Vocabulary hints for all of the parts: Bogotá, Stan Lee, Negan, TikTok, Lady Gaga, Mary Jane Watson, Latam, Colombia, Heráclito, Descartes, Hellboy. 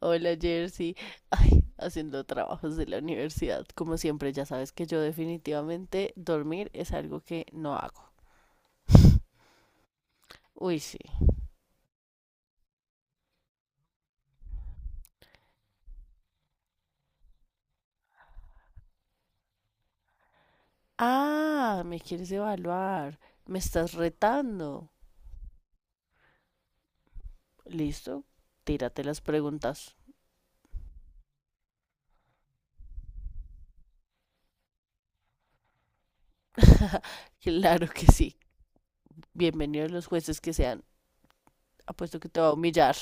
Hola Jersey, ay, haciendo trabajos de la universidad, como siempre, ya sabes que yo definitivamente dormir es algo que no hago. Uy, sí. Ah, me quieres evaluar, me estás retando. ¿Listo? Tírate las preguntas. Claro que sí. Bienvenidos los jueces que sean. Apuesto que te va a humillar.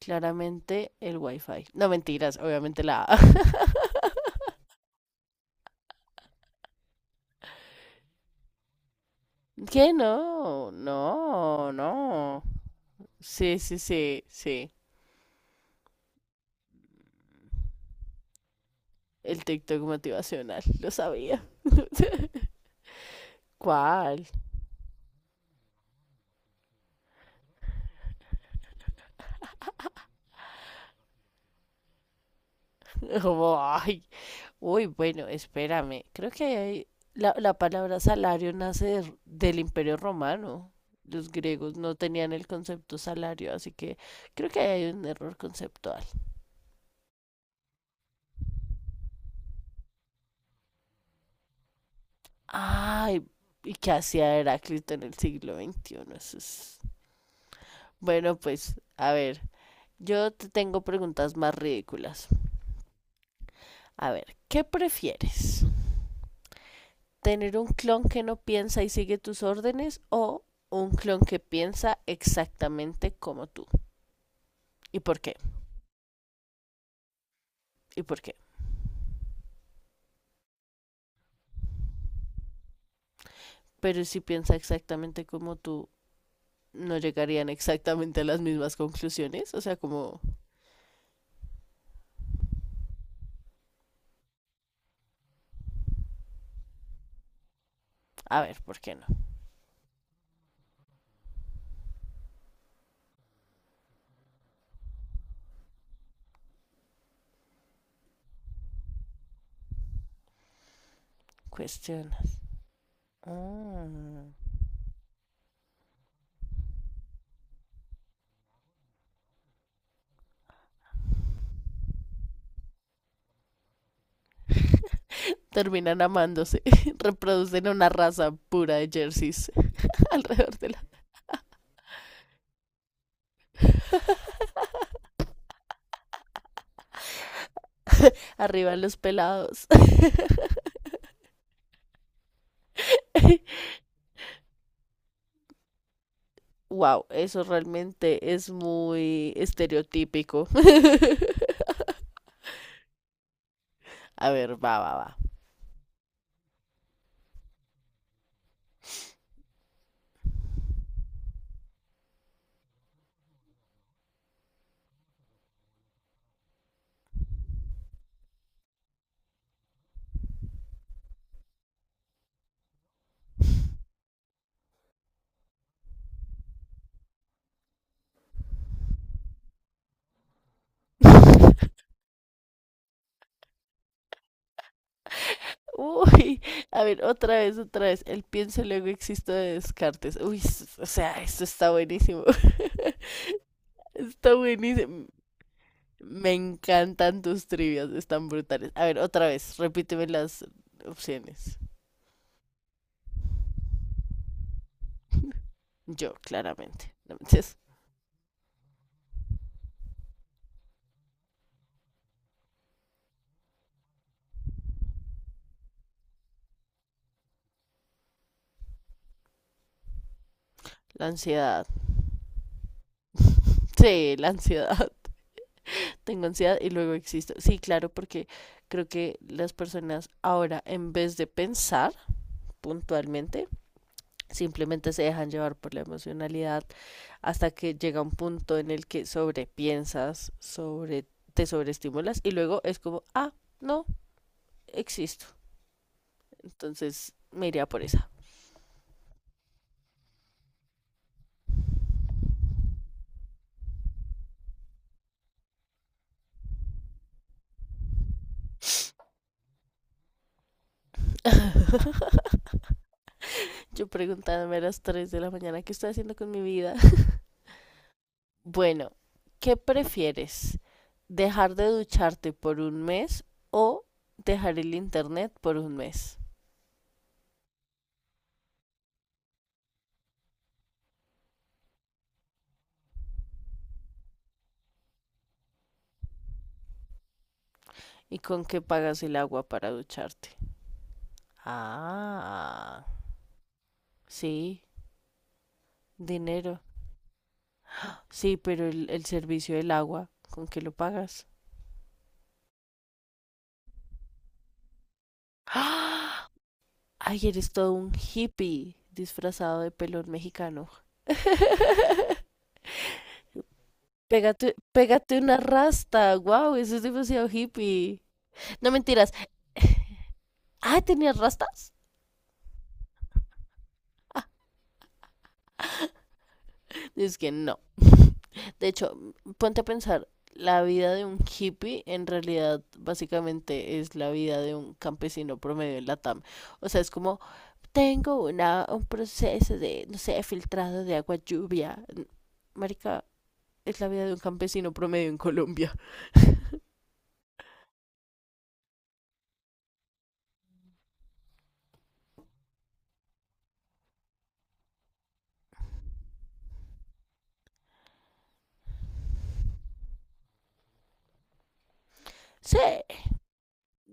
Claramente el wifi. No mentiras, obviamente la... ¿Qué no? No, no. Sí, sí, sí, sí. El TikTok motivacional, lo sabía. ¿Cuál? Como, ay, uy, bueno, espérame. La palabra salario nace del Imperio Romano. Los griegos no tenían el concepto salario, así que creo que ahí hay un error conceptual. Ay, ¿y qué hacía Heráclito en el siglo XXI? Bueno, pues, a ver, yo te tengo preguntas más ridículas. A ver, ¿qué prefieres? Tener un clon que no piensa y sigue tus órdenes, o un clon que piensa exactamente como tú. ¿Y por qué? ¿Y por qué? Pero si piensa exactamente como tú, no llegarían exactamente a las mismas conclusiones. O sea, como, a ver, ¿por qué no? Cuestionas. Ah. Terminan amándose. Reproducen una raza pura de jerseys alrededor de la... Arriba los pelados. Wow, eso realmente es muy estereotípico. A ver, va, va, va. Uy, a ver, otra vez, otra vez. El pienso luego existo de Descartes. O sea, esto está buenísimo. Está buenísimo. Me encantan tus trivias, están brutales. A ver, otra vez, repíteme las opciones. Yo, claramente. No, mentiras. La ansiedad. Sí, la ansiedad. Tengo ansiedad y luego existo. Sí, claro, porque creo que las personas ahora, en vez de pensar puntualmente, simplemente se dejan llevar por la emocionalidad hasta que llega un punto en el que sobrepiensas, te sobreestimulas y luego es como, ah, no, existo. Entonces me iría por esa. Yo preguntándome a las 3 de la mañana qué estoy haciendo con mi vida. Bueno, ¿qué prefieres? ¿Dejar de ducharte por un mes, o dejar el internet por un mes? ¿Y con qué pagas el agua para ducharte? Ah, sí, dinero. Sí, pero el servicio del agua, ¿con qué lo pagas? ¡Ah! Ay, eres todo un hippie disfrazado de pelón mexicano. Pégate, pégate una rasta. Wow, eso es demasiado hippie. No mentiras. Ah, ¿tenías rastas? Es que no. De hecho, ponte a pensar, la vida de un hippie en realidad básicamente es la vida de un campesino promedio en Latam. O sea, es como tengo un proceso de, no sé, filtrado de agua lluvia. Marica, es la vida de un campesino promedio en Colombia. Sí,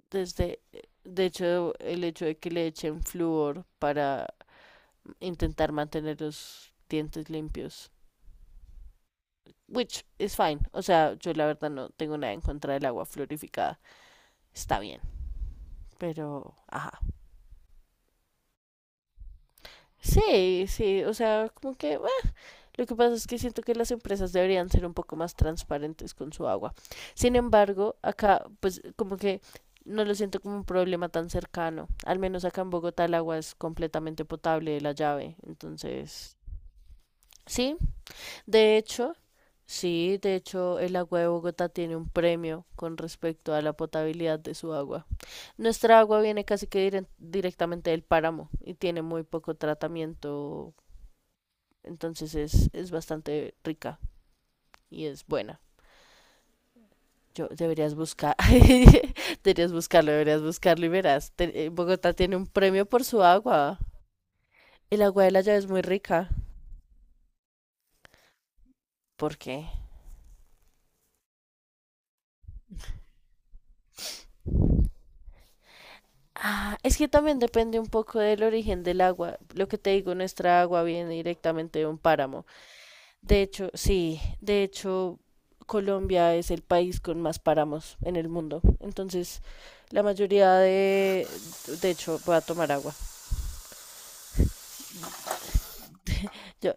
desde, de hecho, el hecho de que le echen flúor para intentar mantener los dientes limpios. Which is fine. O sea, yo la verdad no tengo nada en contra del agua fluorificada. Está bien, pero, ajá. Sí, sí, o sea, como que lo que pasa es que siento que las empresas deberían ser un poco más transparentes con su agua. Sin embargo, acá, pues como que no lo siento como un problema tan cercano. Al menos acá en Bogotá el agua es completamente potable de la llave. Entonces, sí, de hecho, sí, de hecho el agua de Bogotá tiene un premio con respecto a la potabilidad de su agua. Nuestra agua viene casi que directamente del páramo y tiene muy poco tratamiento. Entonces es bastante rica y es buena. Yo deberías buscar, deberías buscarlo y verás. Bogotá tiene un premio por su agua. El agua de la llave es muy rica. ¿Por qué? Ah, es que también depende un poco del origen del agua. Lo que te digo, nuestra agua viene directamente de un páramo. De hecho, sí, de hecho, Colombia es el país con más páramos en el mundo. Entonces, la mayoría de hecho, voy a tomar agua. Yo,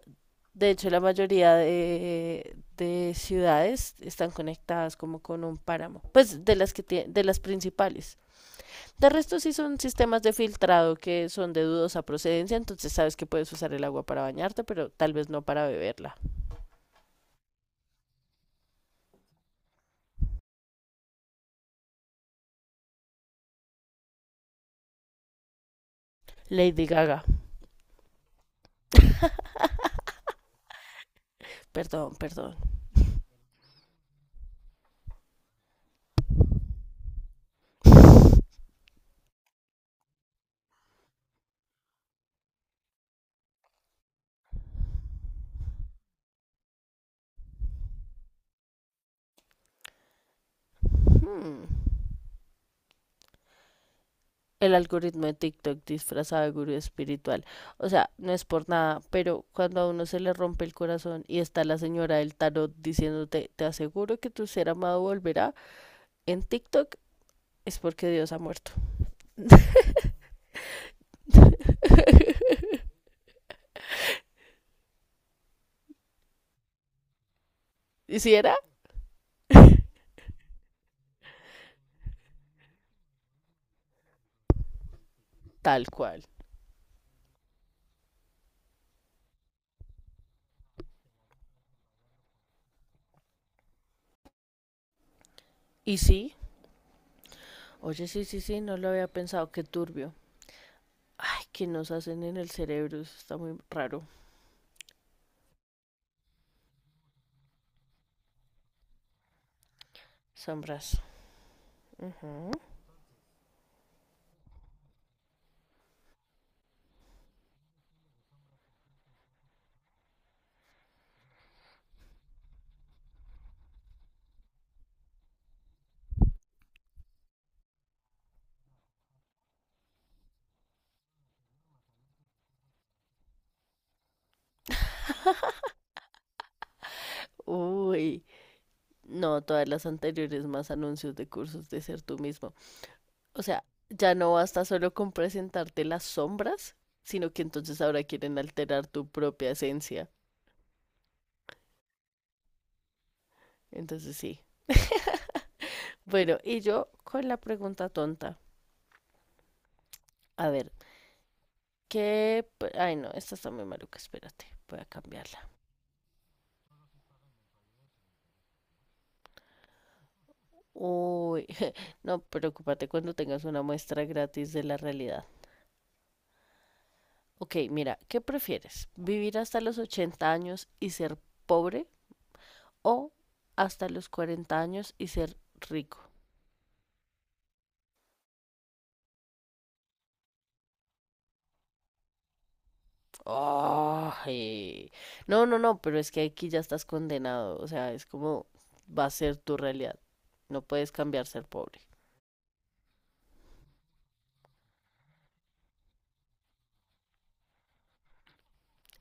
de hecho, la mayoría de ciudades están conectadas como con un páramo, pues de las que de las principales. De resto sí son sistemas de filtrado que son de dudosa procedencia, entonces sabes que puedes usar el agua para bañarte, pero tal vez no para beberla. Lady Gaga. Perdón, perdón. Hmm, el algoritmo de TikTok disfrazado de gurú espiritual. O sea, no es por nada, pero cuando a uno se le rompe el corazón y está la señora del tarot diciéndote, te aseguro que tu ser amado volverá, en TikTok es porque Dios ha muerto. ¿Y si era? Tal cual. ¿Y sí? Oye, sí, sí, sí, no lo había pensado, qué turbio. Ay, qué nos hacen en el cerebro, eso está muy raro. Sombras. Ujú. Uy, no, todas las anteriores más anuncios de cursos de ser tú mismo. O sea, ya no basta solo con presentarte las sombras, sino que entonces ahora quieren alterar tu propia esencia. Entonces sí. Bueno, y yo con la pregunta tonta. A ver, Ay, no, esta está muy maluca, espérate, voy a cambiarla. Uy, no, preocúpate cuando tengas una muestra gratis de la realidad. Ok, mira, ¿qué prefieres? ¿Vivir hasta los 80 años y ser pobre, o hasta los 40 años y ser rico? Ay. No, no, no, pero es que aquí ya estás condenado. O sea, es como va a ser tu realidad. No puedes cambiar ser pobre.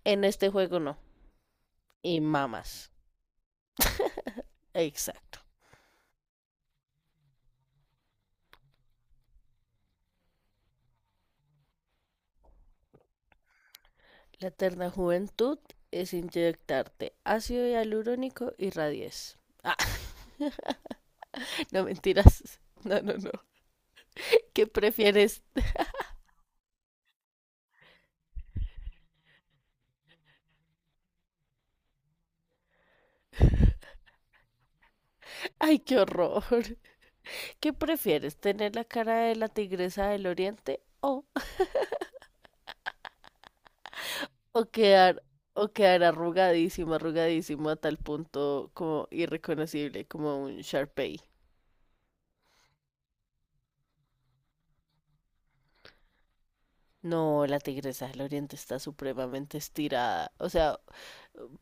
En este juego no. Y mamas. Exacto. La eterna juventud es inyectarte ácido hialurónico y radies. Ah, no mentiras. No, no, no. ¿Qué prefieres? Ay, qué horror. ¿Qué prefieres? ¿Tener la cara de la tigresa del oriente, o O quedar, o quedar arrugadísimo, arrugadísimo a tal punto como irreconocible, como un Sharpei? No, la tigresa del oriente está supremamente estirada. O sea,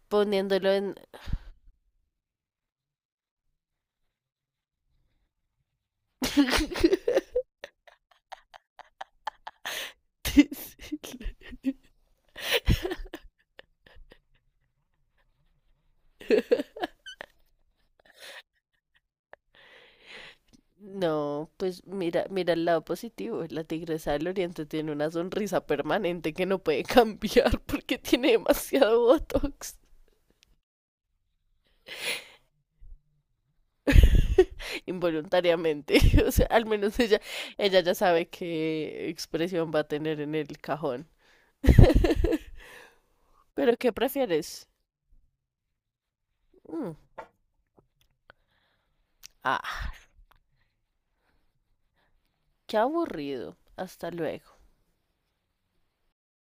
poniéndolo en... No, pues mira, mira el lado positivo. La tigresa del oriente tiene una sonrisa permanente que no puede cambiar porque tiene demasiado botox. Involuntariamente. O sea, al menos ella, ella ya sabe qué expresión va a tener en el cajón. ¿Pero qué prefieres? Mm, ah, qué aburrido. Hasta luego.